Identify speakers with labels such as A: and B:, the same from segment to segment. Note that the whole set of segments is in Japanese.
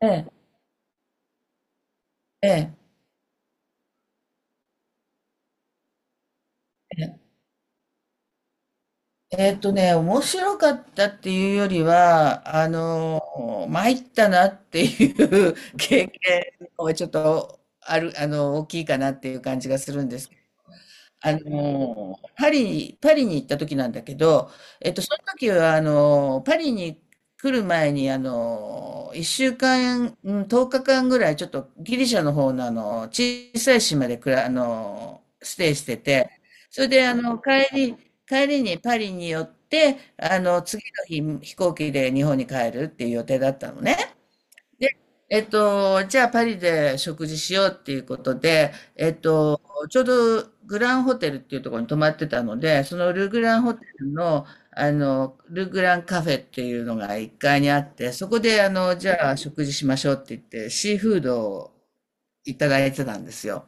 A: ええ、ええ、えええーっとね、面白かったっていうよりは、参ったなっていう 経験の方がちょっとある、大きいかなっていう感じがするんですけパリに行った時なんだけど、その時は、パリに来る前に、1週間、うかん、10日間ぐらい、ちょっとギリシャの方の、小さい島でステイしてて、それで、帰りにパリに寄って、次の日、飛行機で日本に帰るっていう予定だったのね。で、じゃあパリで食事しようっていうことで、ちょうどグランホテルっていうところに泊まってたので、そのル・グランホテルの、ル・グランカフェっていうのが1階にあって、そこで、じゃあ食事しましょうって言って、シーフードをいただいてたんですよ。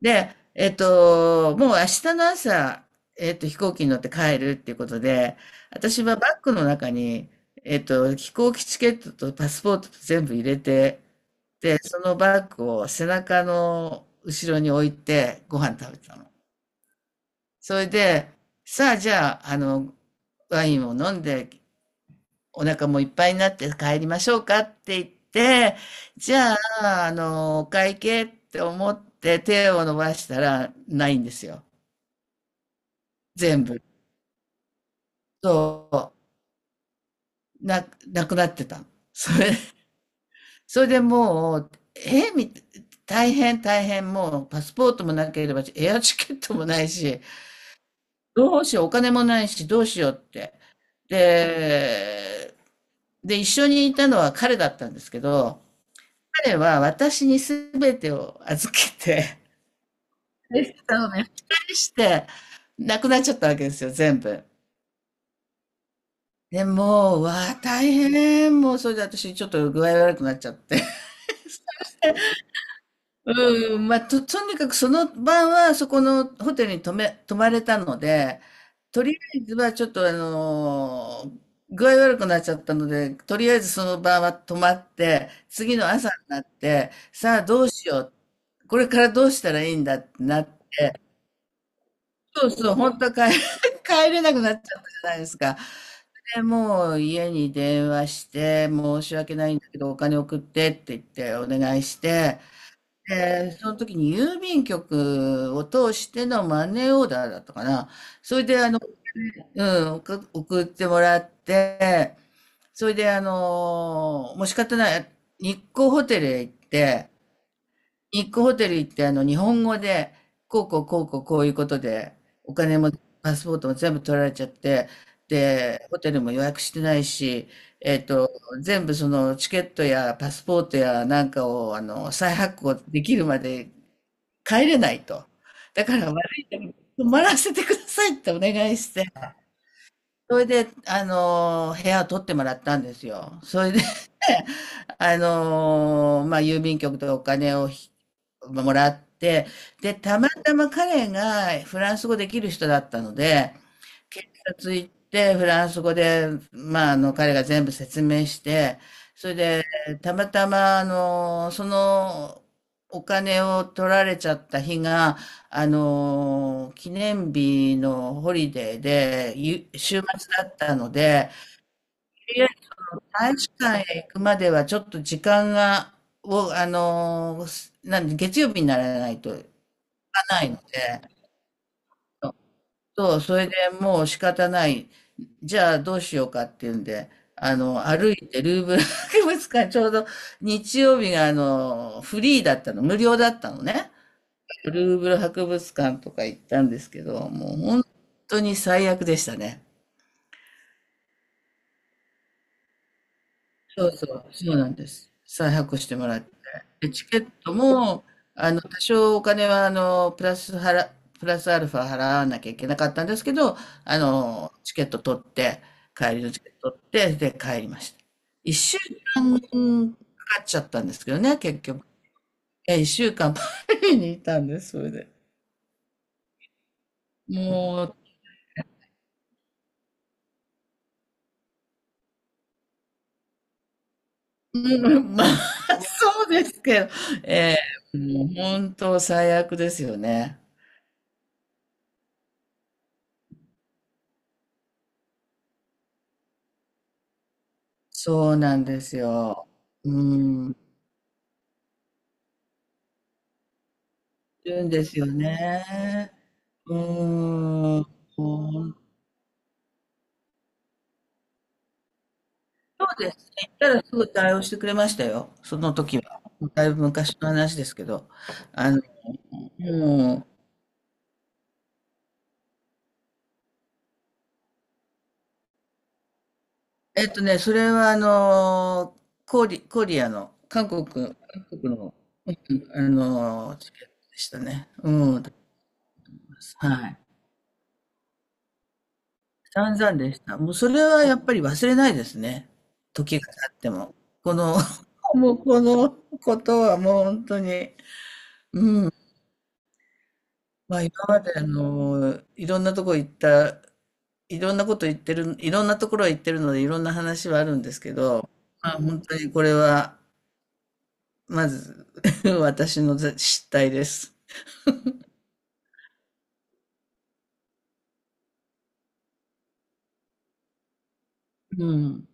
A: で、もう明日の朝、飛行機に乗って帰るっていうことで、私はバッグの中に、飛行機チケットとパスポートと全部入れて、で、そのバッグを背中の後ろに置いてご飯食べてたの。それで、さあじゃあ、ワインを飲んでお腹もいっぱいになって帰りましょうかって言って、じゃあ、お会計って思って手を伸ばしたらないんですよ。全部。そう、なくなってたの。それ、それでもう、大変大変、もうパスポートもなければエアチケットもないし、どうしよう、お金もないし、どうしようって。で、で、一緒にいたのは彼だったんですけど、彼は私に全てを預けて、お願いして、なくなっちゃったわけですよ、全部。で、もう、うわあ、大変。もう、それで私、ちょっと具合悪くなっちゃって。うん、まあ、とにかくその晩はそこのホテルに泊まれたので、とりあえずはちょっと具合悪くなっちゃったので、とりあえずその晩は泊まって、次の朝になって、さあどうしよう、これからどうしたらいいんだってなって、そうそう、本当は帰れなくなっちゃったじゃないですか。で、もう家に電話して、申し訳ないんだけど、お金送ってって言ってお願いして、で、その時に郵便局を通してのマネーオーダーだったかな。それでうん、送ってもらって、それでもう仕方ない、日光ホテルへ行って、日光ホテル行って日本語で、こうこうこうこうこういうことで、お金もパスポートも全部取られちゃって、で、ホテルも予約してないし、えっと、全部そのチケットやパスポートやなんかを再発行できるまで帰れないと。だから悪いけど、泊まらせてくださいってお願いして、それで、部屋を取ってもらったんですよ。それで、まあ、郵便局でお金をひもらって、で、たまたま彼がフランス語できる人だったので、警察行ってフランス語で、まあ、彼が全部説明して、それでたまたまそのお金を取られちゃった日が記念日のホリデーで週末だったので、とりあえず大使館へ行くまではちょっと時間がをすなんで、月曜日にならないといかないので。そう、それでもう仕方ない。じゃあどうしようかっていうんで、歩いてルーブル博物館、ちょうど日曜日がフリーだったの、無料だったのね。ルーブル博物館とか行ったんですけど、もう本当に最悪でしたね。そうそう、そうなんです。再発行してもらって。で、チケットも、多少お金は、プラスアルファ払わなきゃいけなかったんですけど、チケット取って、帰りのチケット取って、で、帰りました。一週間かかっちゃったんですけどね、結局。え、一週間パリにいたんです、それで。もう、うんまあ、そうですけど、もう本当最悪ですよね。そうなんですよ。うん。いるんですよね。うーん。そうですね。行ったらすぐ対応してくれましたよ、その時は。だいぶ昔の話ですけど。あの、もう、それはコリアの、韓国の、チケットでしたね。うん。はい。散々でした。もうそれはやっぱり忘れないですね。時が経っても。この もうこのことはもう本当に、まあ今までいろんなとこ行った、いろんなこと言ってる、いろんなところへ行ってるのでいろんな話はあるんですけど、まあ本当にこれは、まず 私の失態です。うん。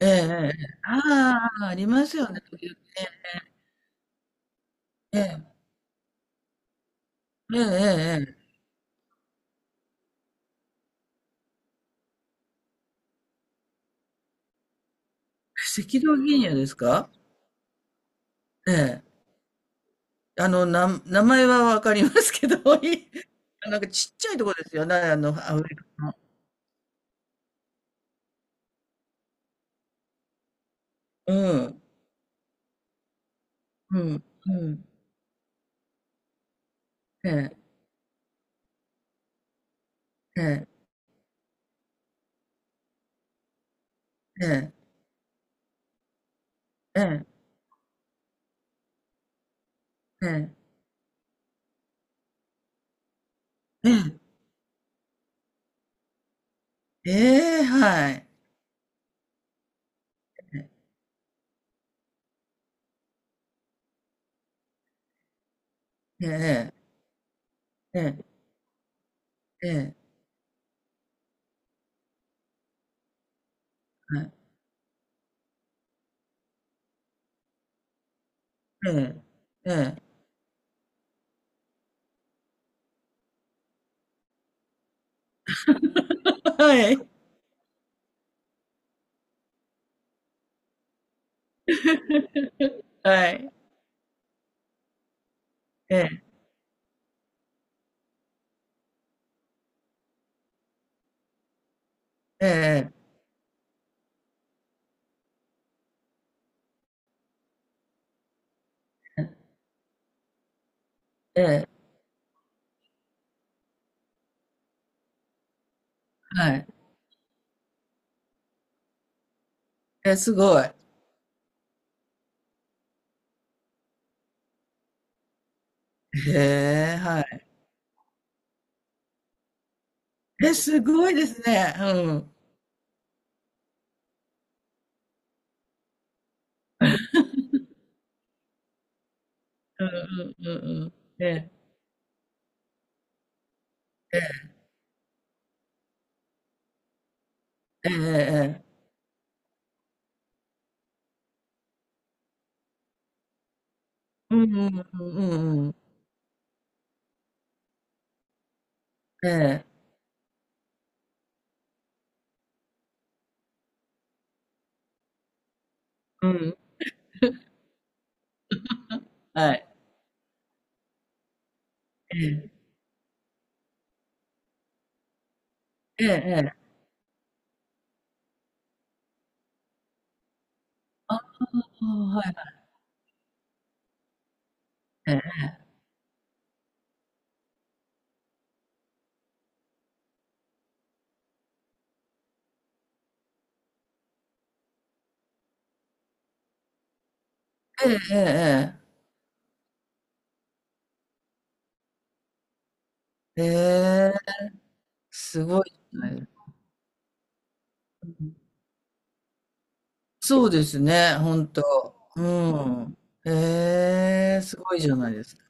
A: ええ、ええ。ああ、ありますよね、時々ね。ええ、ええ、ええ。ええ、赤道ギニアですか。ええ。名前は分かりますけど、なんかちっちゃいとこですよね、アフリカの。うん。うん、うん。ええ、ええ、ええ、ええ、ええ、ええ、ええ、はい。ええ、ええ、ええ、ええ、ええ、ええ。はい、はい。ええ、ええ、ええ、はい。え、すごい。へえ、はい。え、すごいですね。うん。うんうんうんうん。ええ、ええええ。うんうんうんうんうん。ええ。うん。はい。ええ。ええええ。ああ、はい。ええ。ええええええ。すごいですね。そうですね、ほんと。うん。ええ、すごいじゃないですか。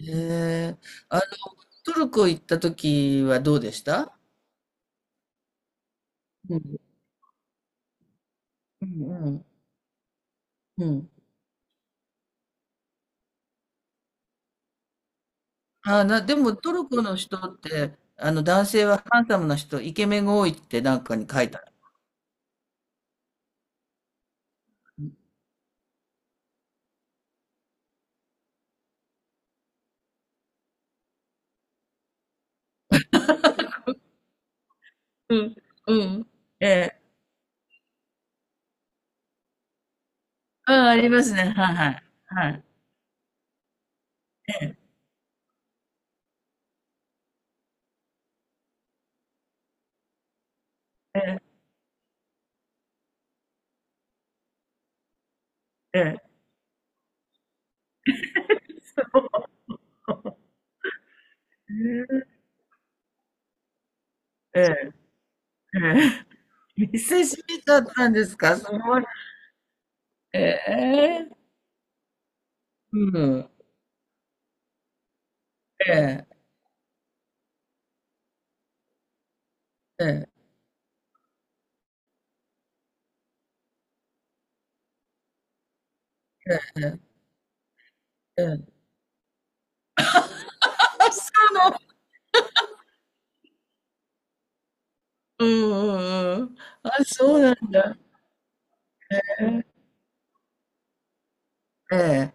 A: ええ。あの、トルコ行った時はどうでした？うん。うんうん。うん。ああ、でもトルコの人って、男性はハンサムな人、イケメンが多いってなんかに書いてある。うん。うん。ええ。うん、ありますね。はいはい。はい。ええ、ええ。ええ、ええ、見せしめだったんですか？すごい。ええ。うん。ええ、ええ、ええ、ええ、あ、そうなの。うんうんうん。あ、そうなんだ。ええ、ええ、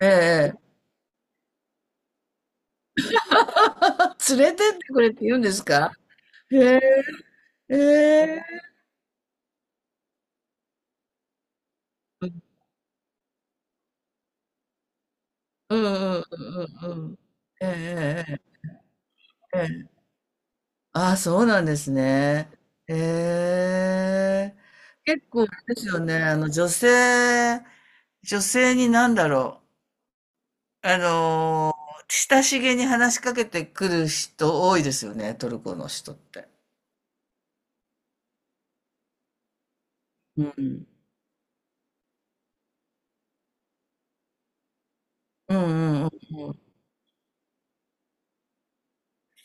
A: ええ。連れてってくれって言うんですか？へえ、ええ。うん。うんうんうんうんうん、えええええ。ええ。ああ、そうなんですね。へえ。結構あれですよね。女性になんだろう。ー、親しげに話しかけてくる人多いですよね。トルコの人って。うん。うんうんうんうん。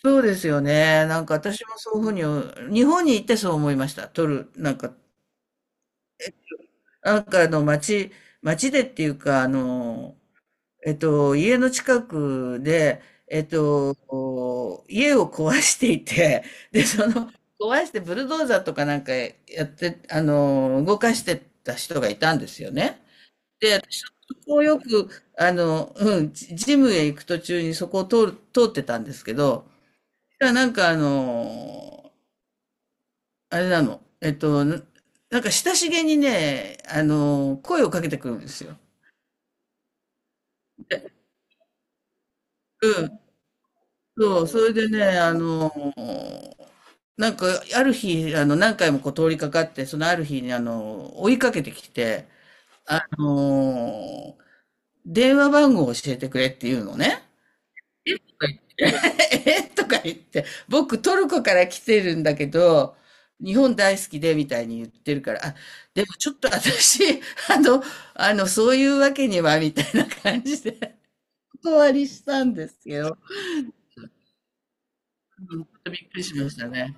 A: そうですよね。なんか私もそういうふうに、日本に行ってそう思いました。なんか街でっていうか、家の近くで、家を壊していて、で、壊してブルドーザーとかなんかやって、動かしてた人がいたんですよね。こうよく、うん、ジジムへ行く途中にそこを通ってたんですけど、いやなんかあれなの、なんか親しげにね、声をかけてくるんですよ。そう、それでね、なんか、ある日、何回もこう通りかかって、そのある日に、追いかけてきて、あの、電話番号を教えてくれっていうのね。えとか言って、僕トルコから来てるんだけど、日本大好きでみたいに言ってるから、あ、でもちょっと私、あの、そういうわけにはみたいな感じで、お断りしたんですけど、うん、ちょっとびっくりしましたね。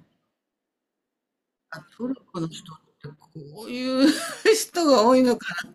A: あ、トルコの人ってこういう 人が多いのかな。